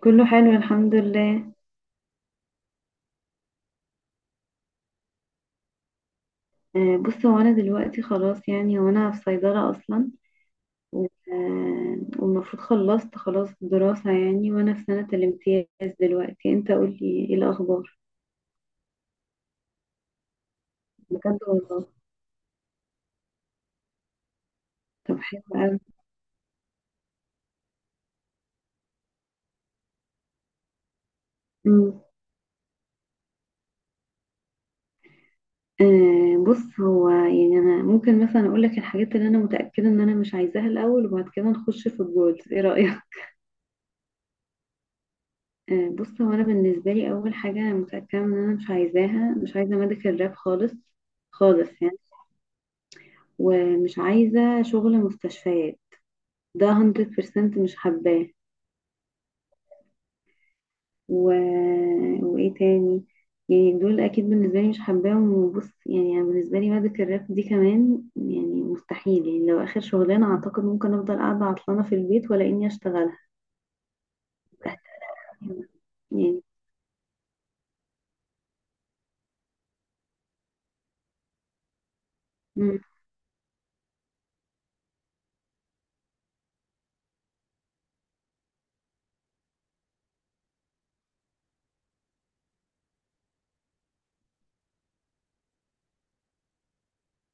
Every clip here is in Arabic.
كله حلو الحمد لله. بص هو انا دلوقتي خلاص يعني وانا في صيدلة اصلا. والمفروض خلصت خلاص الدراسة يعني وانا في سنة الامتياز. دلوقتي انت قولي ايه الاخبار. بجد والله. طب حلو قوي. مم. بص هو يعني انا ممكن مثلا اقول لك الحاجات اللي انا متأكدة ان انا مش عايزاها الاول وبعد كده نخش في الجولز، ايه رأيك؟ بص هو انا بالنسبة لي اول حاجة انا متأكدة ان انا مش عايزة ميديكال راب خالص، يعني. ومش عايزة شغل مستشفيات، ده 100% مش حباه. و... وإيه تاني؟ يعني دول أكيد بالنسبة لي مش حباهم. وبص يعني أنا بالنسبة لي مادة الراب دي كمان يعني مستحيل، يعني لو آخر شغلانة أعتقد ممكن أفضل قاعدة عطلانة في البيت ولا إني أشتغلها يعني. مم.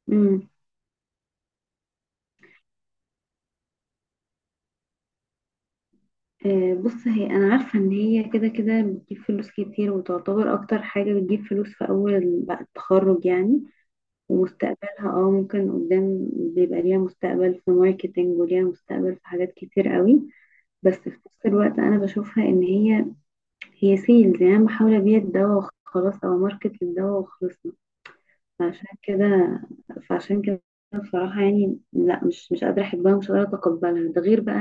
مم. بص هي انا عارفه ان هي كده كده بتجيب فلوس كتير وتعتبر اكتر حاجه بتجيب فلوس في اول بعد التخرج يعني، ومستقبلها اه ممكن قدام بيبقى ليها مستقبل في ماركتينج وليها مستقبل في حاجات كتير قوي. بس في نفس الوقت انا بشوفها ان هي سيلز، يعني انا بحاول ابيع الدواء وخلاص او ماركت للدواء وخلصنا. فعشان كده فعشان كده بصراحة يعني لا، مش قادرة أحبها ومش قادرة أتقبلها. ده غير بقى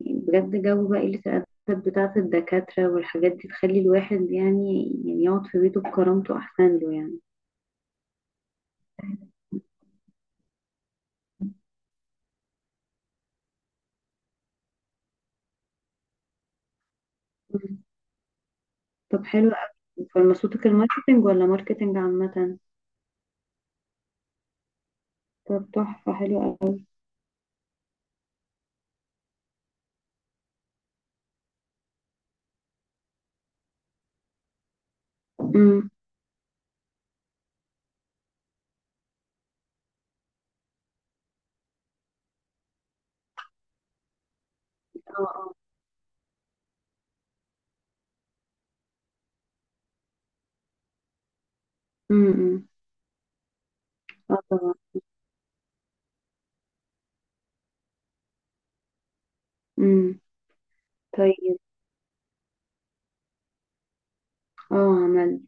يعني بجد جو بقى قلة الأدب بتاعة الدكاترة والحاجات دي تخلي الواحد يعني يقعد في بيته بكرامته أحسن له يعني. طب حلو قوي، فارمacيوتيكال ماركتنج ولا ماركتنج عامة؟ طب تحفة حلو قوي. امم. اه اه. امم. اه طبعا. امم. طيب. اه عملت.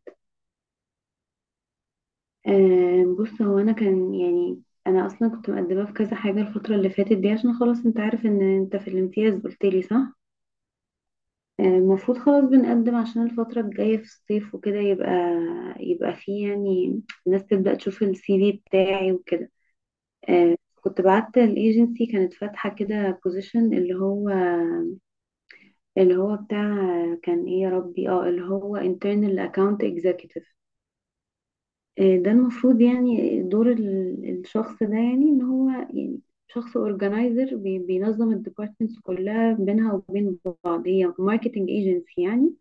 آه، بص هو انا كان يعني انا اصلا كنت مقدمة في كذا حاجة الفترة اللي فاتت دي، عشان خلاص انت عارف ان انت في الامتياز، قلت لي صح؟ المفروض خلاص بنقدم عشان الفترة الجاية في الصيف وكده، يبقى فيه يعني الناس تبدأ تشوف السي في بتاعي وكده. آه، كنت بعت الايجنسي، كانت فاتحة كده بوزيشن اللي هو بتاع، كان ايه يا ربي اه اللي هو internal account executive. ده المفروض يعني دور الشخص ده، يعني ان هو يعني شخص اورجنايزر بينظم الديبارتمنتس كلها بينها وبين بعض. هي ماركتنج ايجنسي يعني،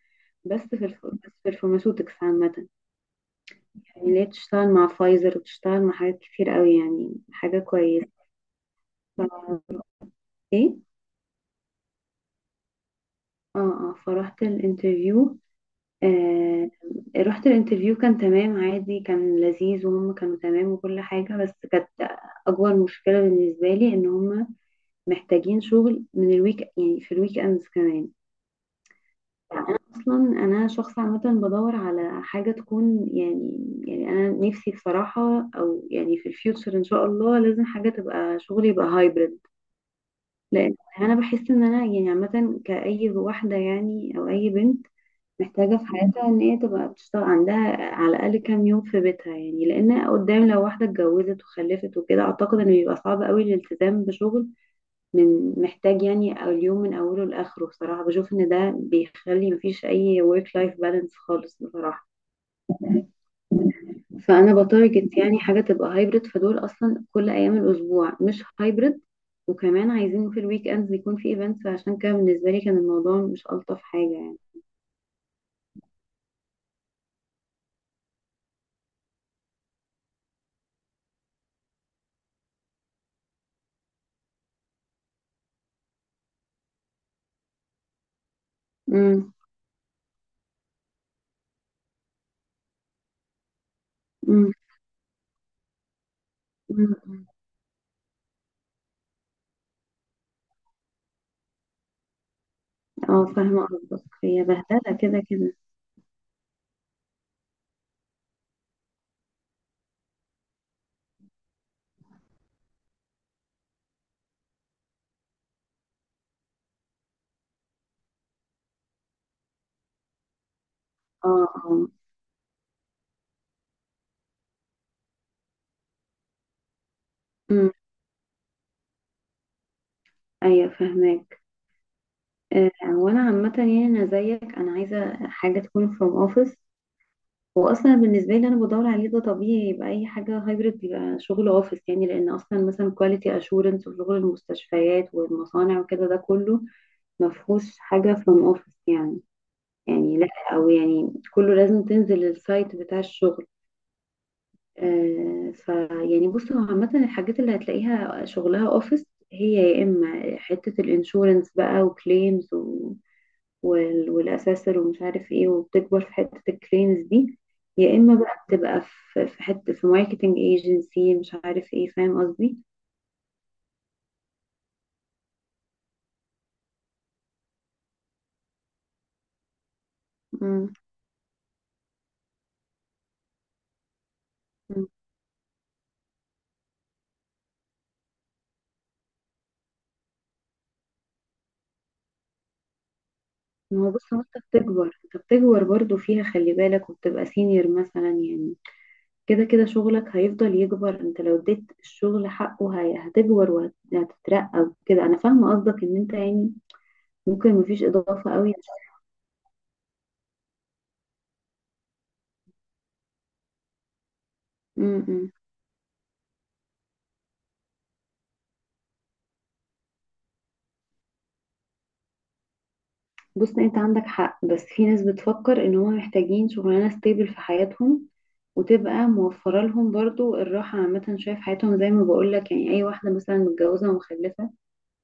بس بس في الفارماسيوتكس عامة يعني، اللي هي بتشتغل مع فايزر وبتشتغل مع حاجات كتير قوي، يعني حاجة كويسة. ف- ايه. اه فروحت الانترفيو. آه، رحت الانترفيو كان تمام عادي، كان لذيذ وهم كانوا تمام وكل حاجة، بس كانت أكبر مشكلة بالنسبة لي إن هم محتاجين شغل من الويك، يعني في الويك أندز كمان. أصلا أنا شخص عامة بدور على حاجة تكون أنا نفسي بصراحة، أو يعني في الفيوتشر إن شاء الله، لازم حاجة تبقى شغلي يبقى هايبرد. لأن أنا بحس إن أنا يعني عامة كأي واحدة يعني أو أي بنت محتاجة في حياتها ان هي تبقى بتشتغل عندها على الأقل كام يوم في بيتها، يعني لأن قدام لو واحدة اتجوزت وخلفت وكده أعتقد انه بيبقى صعب قوي الالتزام بشغل من محتاج يعني أو اليوم من أوله لآخره. بصراحة بشوف ان ده بيخلي مفيش أي work life balance خالص بصراحة. فأنا بتارجت يعني حاجة تبقى هايبرد، فدول أصلا كل أيام الأسبوع مش هايبرد وكمان عايزين في الويك اندز يكون في ايفنتس، عشان كده بالنسبة لي كان الموضوع مش ألطف حاجة يعني. امم. اه فاهمة قصدك، هي بهدلة كده كده. اه اه. أمم. ايوه فاهماك. آه، وانا عامة يعني انا زيك انا عايزة حاجة تكون from office. واصلا بالنسبة لي انا بدور عليه، ده طبيعي يبقى اي حاجة hybrid يبقى شغل office، يعني لان اصلا مثلا quality assurance وشغل المستشفيات والمصانع وكده ده كله مفهوش حاجة from office يعني. يعني لا، او يعني كله لازم تنزل السايت بتاع الشغل. آه، فيعني بص هو عامة الحاجات اللي هتلاقيها شغلها اوفيس، هي يا اما حتة الانشورنس بقى وكليمز والاساسر ومش عارف ايه، وبتكبر في حتة الكليمز دي، يا اما بقى بتبقى في حتة في ماركتنج ايجنسي مش عارف ايه، فاهم قصدي؟ مم. مم. ما هو بص هو انت بتكبر برضو فيها خلي بالك، وبتبقى سينيور مثلا يعني. كده كده شغلك هيفضل يكبر، انت لو اديت الشغل حقه هتكبر وهتترقى وكده. انا فاهمة قصدك ان انت يعني ممكن مفيش اضافة قوي. امم. بص انت عندك حق، بس في ناس بتفكر ان هم محتاجين شغلانة ستيبل في حياتهم وتبقى موفرة لهم برضو الراحة عامة شوية في حياتهم. زي ما بقولك يعني أي واحدة مثلا متجوزة ومخلفة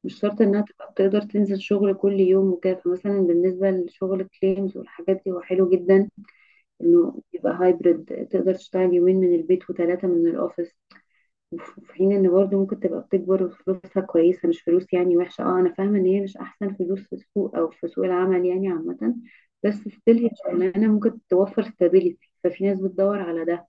مش شرط إنها تبقى بتقدر تنزل شغل كل يوم وكده، فمثلا بالنسبة لشغل كليمز والحاجات دي هو حلو جدا انه يبقى هايبرد، تقدر تشتغل يومين من البيت وثلاثة من الاوفيس. وفي حين ان برضه ممكن تبقى بتكبر وفلوسها كويسة، مش فلوس يعني وحشة. اه انا فاهمة ان هي مش احسن فلوس في السوق او في سوق العمل يعني عامة، بس ستيل هي شغلانة ممكن توفر ستابيليتي، ففي ناس بتدور على ده.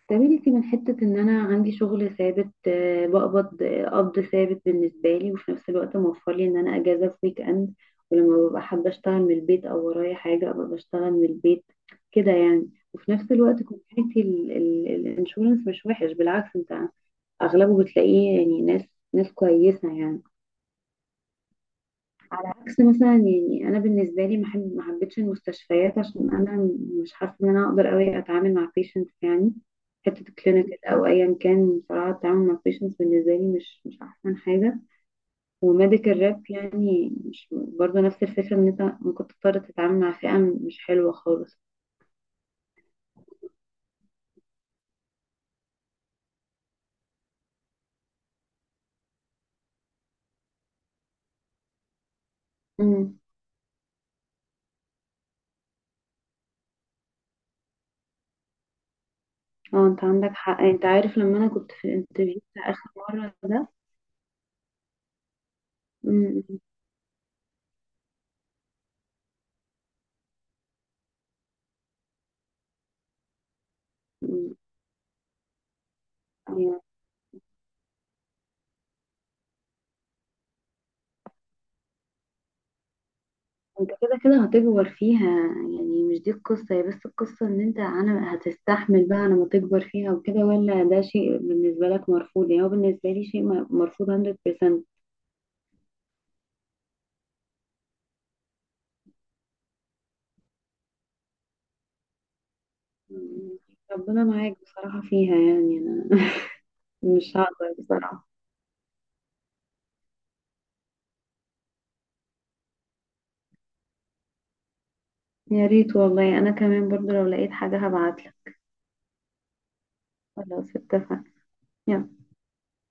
استميلتي من حتة إن أنا عندي شغل ثابت، بقبض قبض ثابت بالنسبة لي، وفي نفس الوقت موفر لي إن أنا أجازة في ويك إند، ولما ببقى حابة أشتغل من البيت أو ورايا حاجة أبقى بشتغل من البيت كده يعني. وفي نفس الوقت كوميونتي الانشورنس مش وحش بالعكس، أنت أغلبه بتلاقيه يعني ناس كويسة يعني. عكس مثلا يعني انا بالنسبه لي ما حبيتش المستشفيات عشان انا مش حاسه ان انا اقدر قوي اتعامل مع patients يعني، حته الكلينيكال او ايا كان. بصراحه التعامل مع patients بالنسبه لي مش احسن حاجه. وميديكال راب يعني مش برضه نفس الفكره، ان انت ممكن تضطر تتعامل مع فئه مش حلوه خالص. امم. اه انت عندك حق، انت عارف لما انا كنت في الانترفيو بتاع اخر مره ده. امم. انت كده كده هتكبر فيها يعني، مش دي القصة هي، بس القصة ان انت، انا هتستحمل بقى انا ما تكبر فيها وكده ولا ده شيء بالنسبة لك مرفوض؟ يعني هو بالنسبة لي شيء مرفوض 100%. ربنا معاك بصراحة فيها، يعني انا مش هقدر بصراحة. يا ريت والله، انا كمان برضو لو لقيت حاجة هبعتلك. خلاص اتفقنا. يلا.